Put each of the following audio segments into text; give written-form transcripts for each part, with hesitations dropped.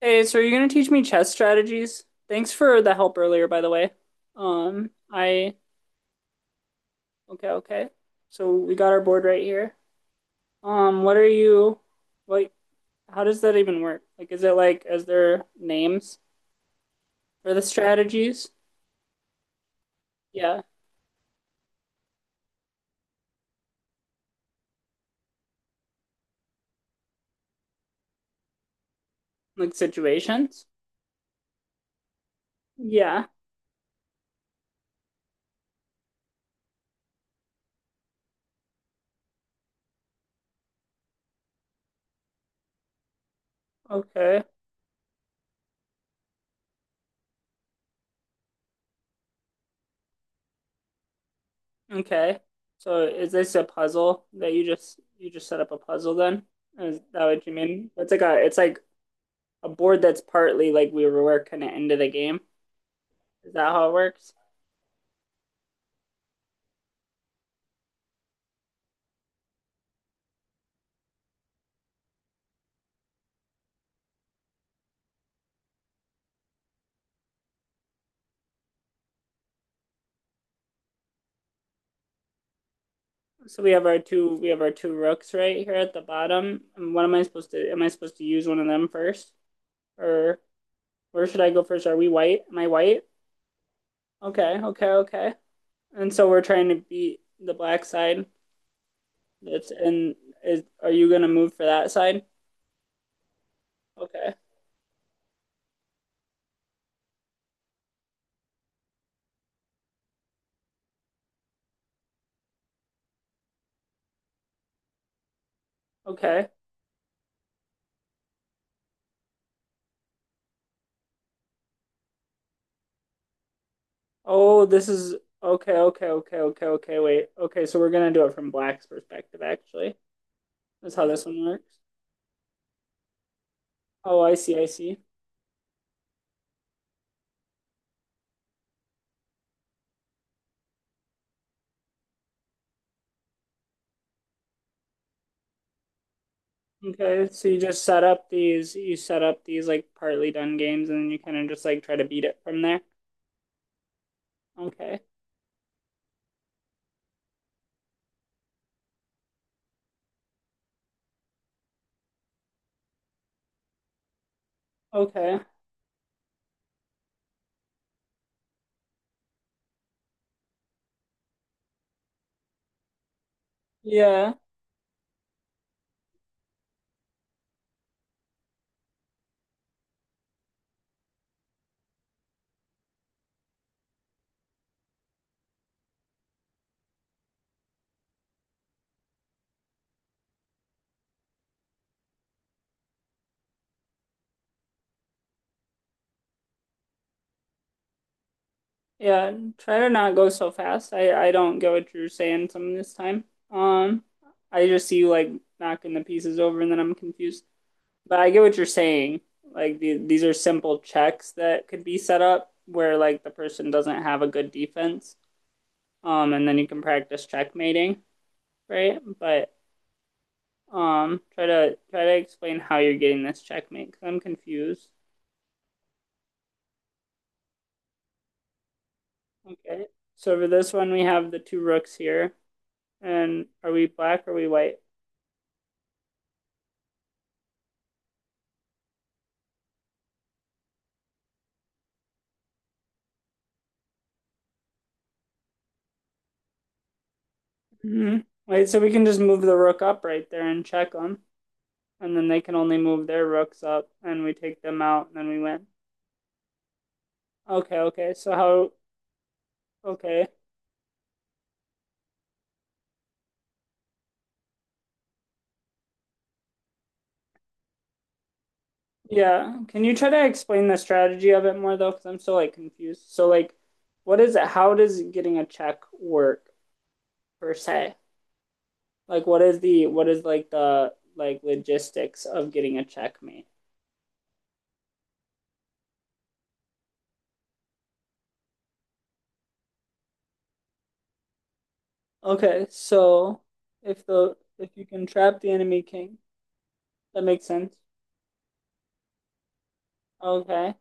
Hey, so are you going to teach me chess strategies? Thanks for the help earlier, by the way. Um, I, okay, okay. So we got our board right here. What are you, like, how does that even work? Like, is it like, is there names for the strategies? Yeah, like situations? Yeah, okay, okay. So is this a puzzle that you just set up a puzzle then? Is that what you mean? It's like a board that's partly like we were working it into the game. Is that how it works? So we have our two rooks right here at the bottom. And what am I supposed to use one of them first? Or where should I go first? Are we white? Am I white? Okay, okay, okay. And so we're trying to beat the black side. That's and is Are you gonna move for that side? Okay. Okay. Oh, this is Okay, okay, okay, okay, okay, wait. Okay, so we're gonna do it from black's perspective actually. That's how this one works. Oh, I see, I see. Okay, so you just set up these like partly done games and then you kind of just like try to beat it from there. Okay. Okay. Yeah. Yeah. Try to not go so fast. I don't get what you're saying some of this time. Um, I just see you like knocking the pieces over and then I'm confused. But I get what you're saying. Like these are simple checks that could be set up where like the person doesn't have a good defense. And then you can practice checkmating, right? But Try to explain how you're getting this checkmate because I'm confused. Okay. So for this one, we have the two rooks here, and are we black or are we white? Hmm. Wait, so we can just move the rook up right there and check them, and then they can only move their rooks up, and we take them out, and then we win. Okay, okay. So how? Okay, yeah. Can you try to explain the strategy of it more though? Because I'm so like confused. So like, what is it? How does getting a check work per se? Like what is like the like logistics of getting a checkmate? Okay, so if you can trap the enemy king, that makes sense. Okay.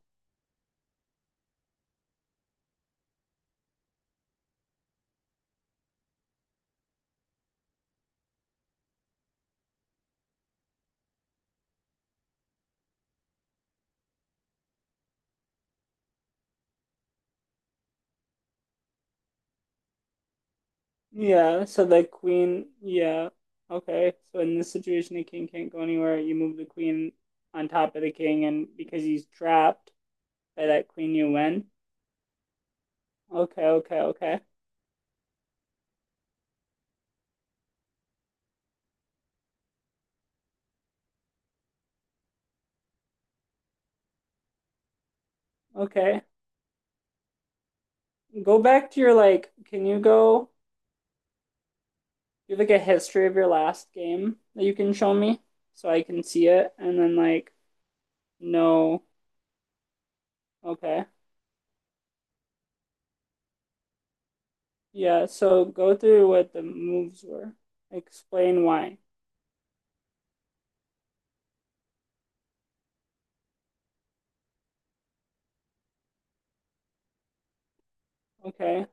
Yeah, so the queen, yeah. Okay. So in this situation the king can't go anywhere. You move the queen on top of the king and because he's trapped by that queen you win. Okay, okay, okay. Okay. Go back to your like can you go you have like a history of your last game that you can show me so I can see it and then like no, okay. Yeah, so go through what the moves were, explain why, okay.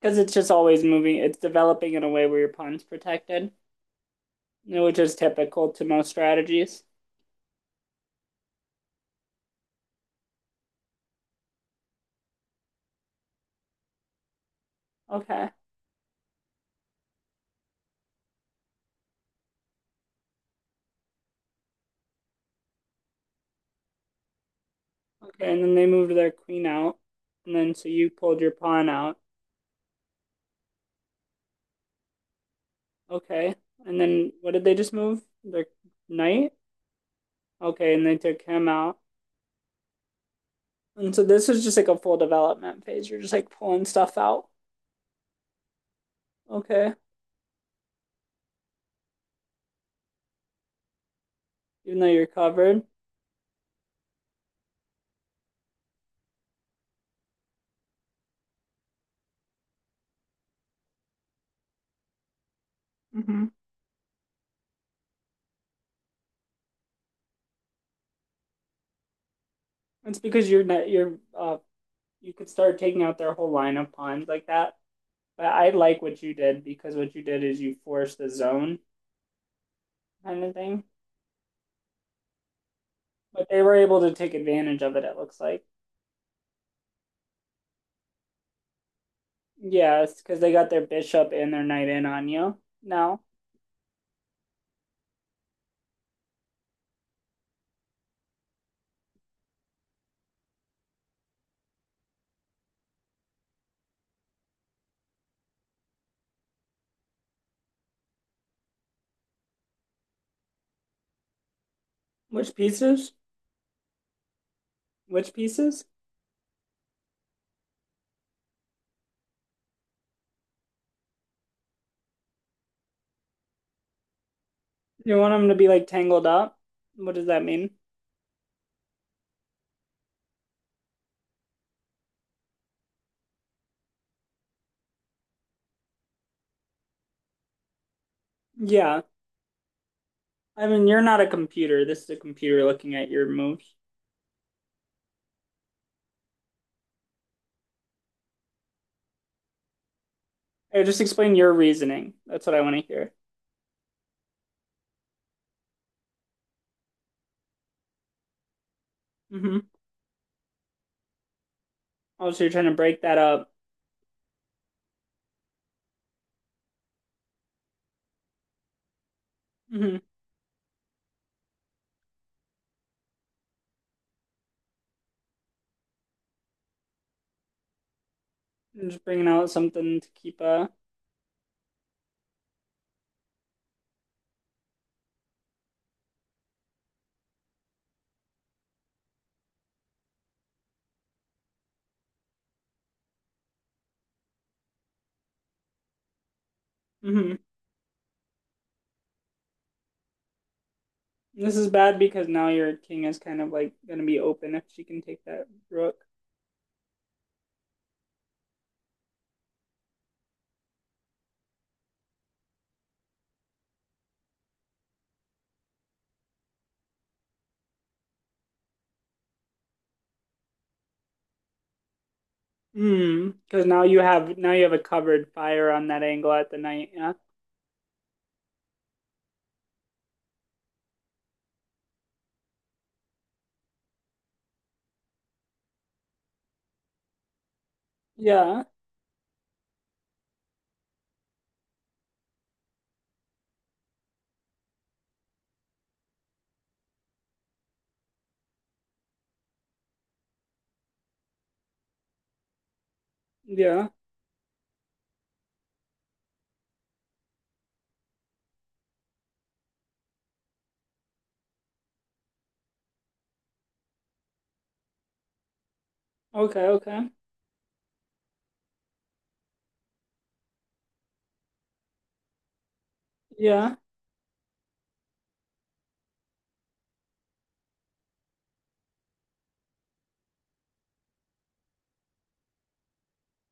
Because it's just always moving, it's developing in a way where your pawn's protected, which is typical to most strategies. Okay, okay. And then they moved their queen out, and then so you pulled your pawn out. Okay. And then what did they just move their knight? Okay, and they took him out. And so this is just like a full development phase. You're just like pulling stuff out, okay? Even though you're covered, hmm it's because you're not you're you could start taking out their whole line of pawns like that. But I like what you did because what you did is you forced the zone kind of thing. But they were able to take advantage of it. It looks like, yes, yeah, because they got their bishop and their knight in on you now. Which pieces? Which pieces? You want them to be like tangled up? What does that mean? Yeah, I mean, you're not a computer. This is a computer looking at your moves. Hey, just explain your reasoning. That's what I want to hear. Mm-hmm. Oh, so you're trying to break that up. Mm-hmm. And just bringing out something to keep a. Mm-hmm. This is bad because now your king is kind of like gonna be open if she can take that rook. Hmm. Because now you have a covered fire on that angle at the knight. Yeah. Yeah. Yeah. Okay. Okay. Yeah.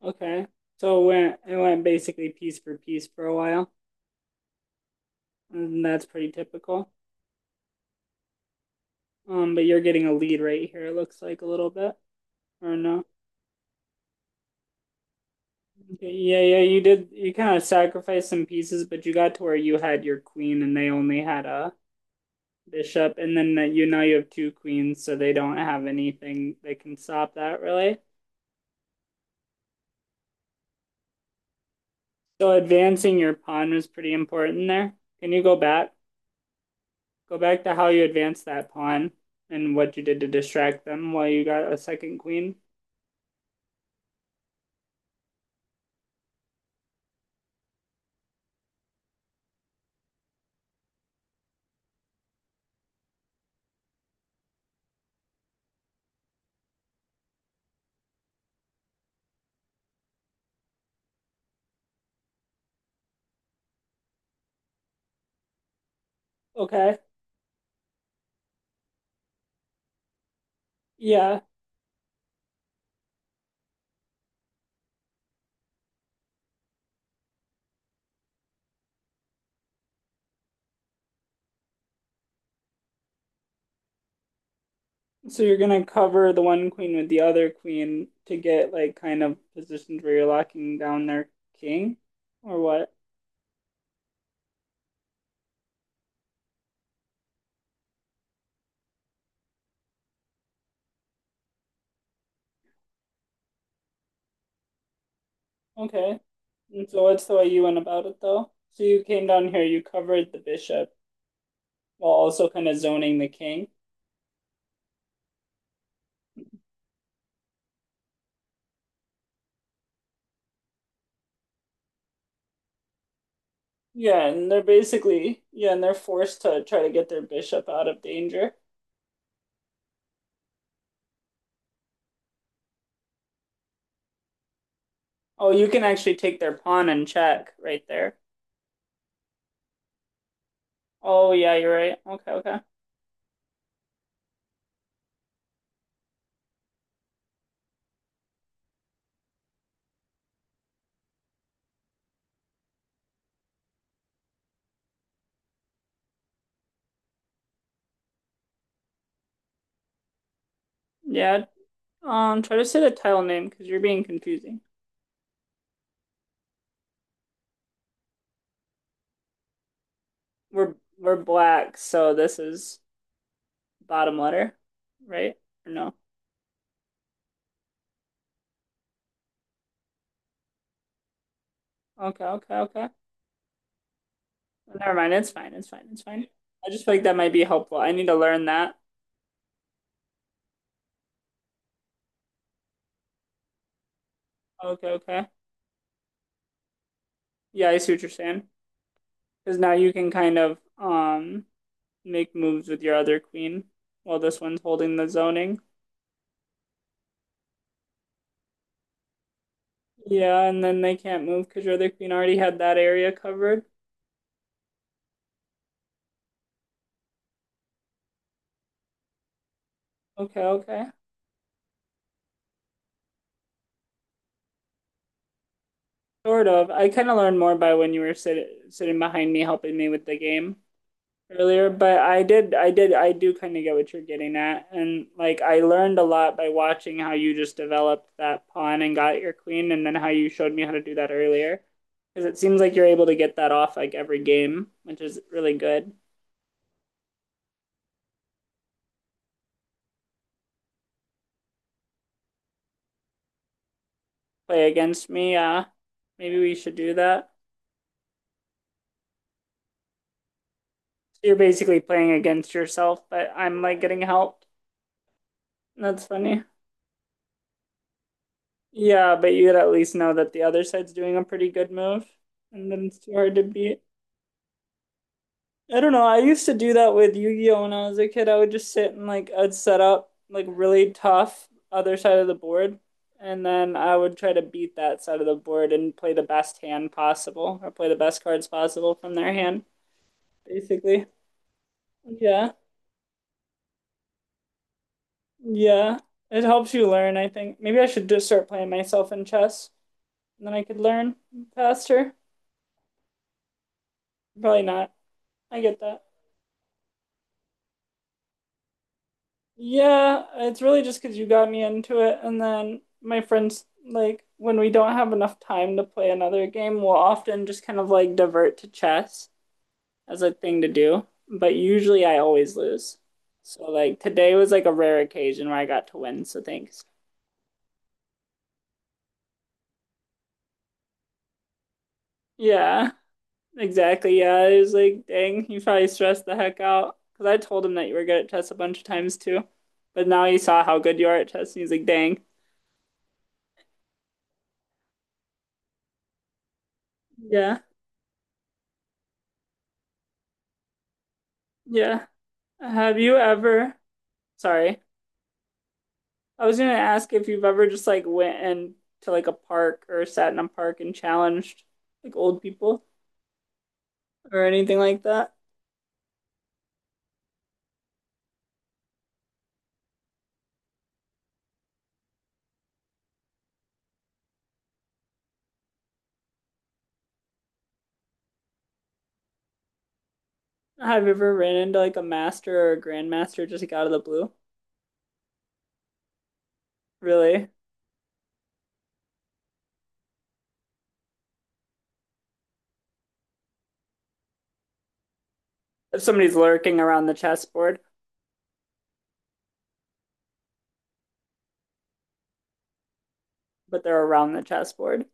Okay. So it went basically piece for piece for a while, and that's pretty typical. But you're getting a lead right here, it looks like, a little bit. Or no? Okay, yeah, yeah, you kind of sacrificed some pieces, but you got to where you had your queen and they only had a bishop, and then that you now you have two queens, so they don't have anything that can stop that really. So advancing your pawn was pretty important there. Can you go back? Go back to how you advanced that pawn and what you did to distract them while you got a second queen. Okay. Yeah. So you're gonna cover the one queen with the other queen to get like kind of positions where you're locking down their king, or what? Okay. And so what's the way you went about it though? So you came down here, you covered the bishop while also kind of zoning the king. Yeah, and they're basically, yeah, and they're forced to try to get their bishop out of danger. Oh, you can actually take their pawn and check right there. Oh yeah, you're right. Okay, okay. Yeah. Try to say the tile name because you're being confusing. We're black, so this is bottom letter, right? Or no? Okay, okay, okay. Never mind. It's fine. It's fine. It's fine. I just feel like that might be helpful. I need to learn that. Okay, okay. Yeah, I see what you're saying. Because now you can kind of make moves with your other queen while this one's holding the zoning. Yeah, and then they can't move because your other queen already had that area covered. Okay, okay. Sort of. I kind of learned more by when you were sitting behind me helping me with the game earlier, but I do kind of get what you're getting at. And like, I learned a lot by watching how you just developed that pawn and got your queen, and then how you showed me how to do that earlier. Because it seems like you're able to get that off like every game, which is really good. Play against me, maybe we should do that. So you're basically playing against yourself, but I'm like getting helped. That's funny. Yeah, but you'd at least know that the other side's doing a pretty good move, and then it's too hard to beat. I don't know. I used to do that with Yu-Gi-Oh! When I was a kid. I would just sit and like I'd set up like really tough other side of the board, and then I would try to beat that side of the board and play the best hand possible or play the best cards possible from their hand, basically. Yeah. Yeah. It helps you learn, I think. Maybe I should just start playing myself in chess, and then I could learn faster. Probably not. I get that. Yeah, it's really just because you got me into it. And then my friends, like, when we don't have enough time to play another game, we'll often just kind of like divert to chess as a thing to do. But usually I always lose. So, like, today was like a rare occasion where I got to win. So, thanks. Yeah, exactly. Yeah, it was like, dang, you probably stressed the heck out. Because I told him that you were good at chess a bunch of times too. But now he saw how good you are at chess and he's like, dang. Yeah, yeah. Have you ever? Sorry. I was gonna ask if you've ever just like went and to like a park or sat in a park and challenged like old people or anything like that. Have you ever ran into like a master or a grandmaster just like out of the blue? Really? If somebody's lurking around the chessboard, but they're around the chessboard.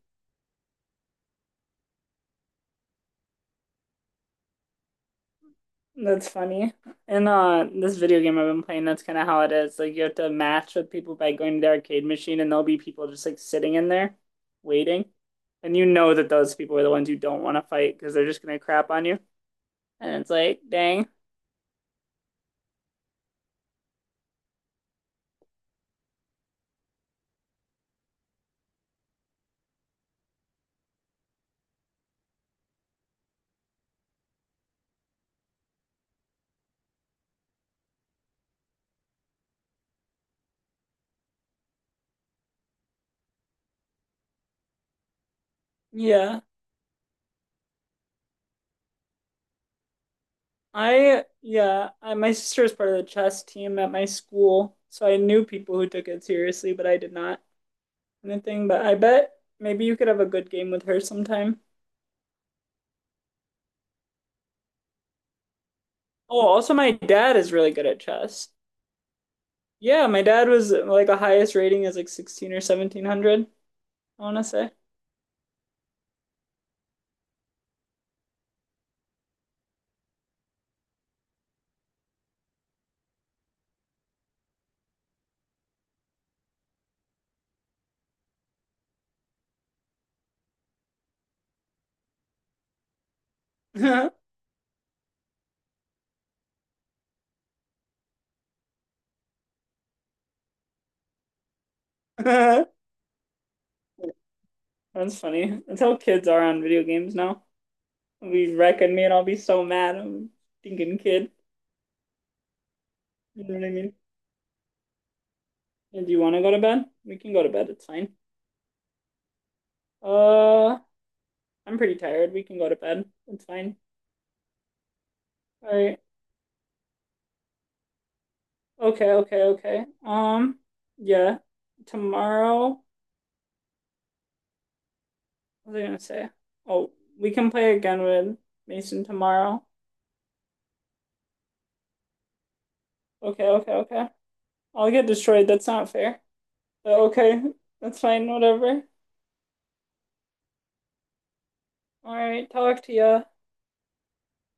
That's funny. In this video game I've been playing, that's kind of how it is. Like you have to match with people by going to the arcade machine, and there'll be people just like sitting in there waiting, and you know that those people are the ones you don't want to fight because they're just gonna crap on you. And it's like, dang, yeah, my sister was part of the chess team at my school, so I knew people who took it seriously, but I did not anything. But I bet maybe you could have a good game with her sometime. Oh, also my dad is really good at chess. Yeah, my dad was like the highest rating is like 16 or 1700, I want to say. That's funny. That's how kids are on video games now. We reckon me and I'll be so mad. I'm thinking kid. You know what I mean? Yeah, do you want to go to bed? We can go to bed. It's fine. Uh, I'm pretty tired. We can go to bed. It's fine. All right. Okay, okay, okay. Yeah. Tomorrow, what was I gonna say? Oh, we can play again with Mason tomorrow. Okay, okay, okay. I'll get destroyed. That's not fair. But okay, that's fine. Whatever. All right, talk to ya.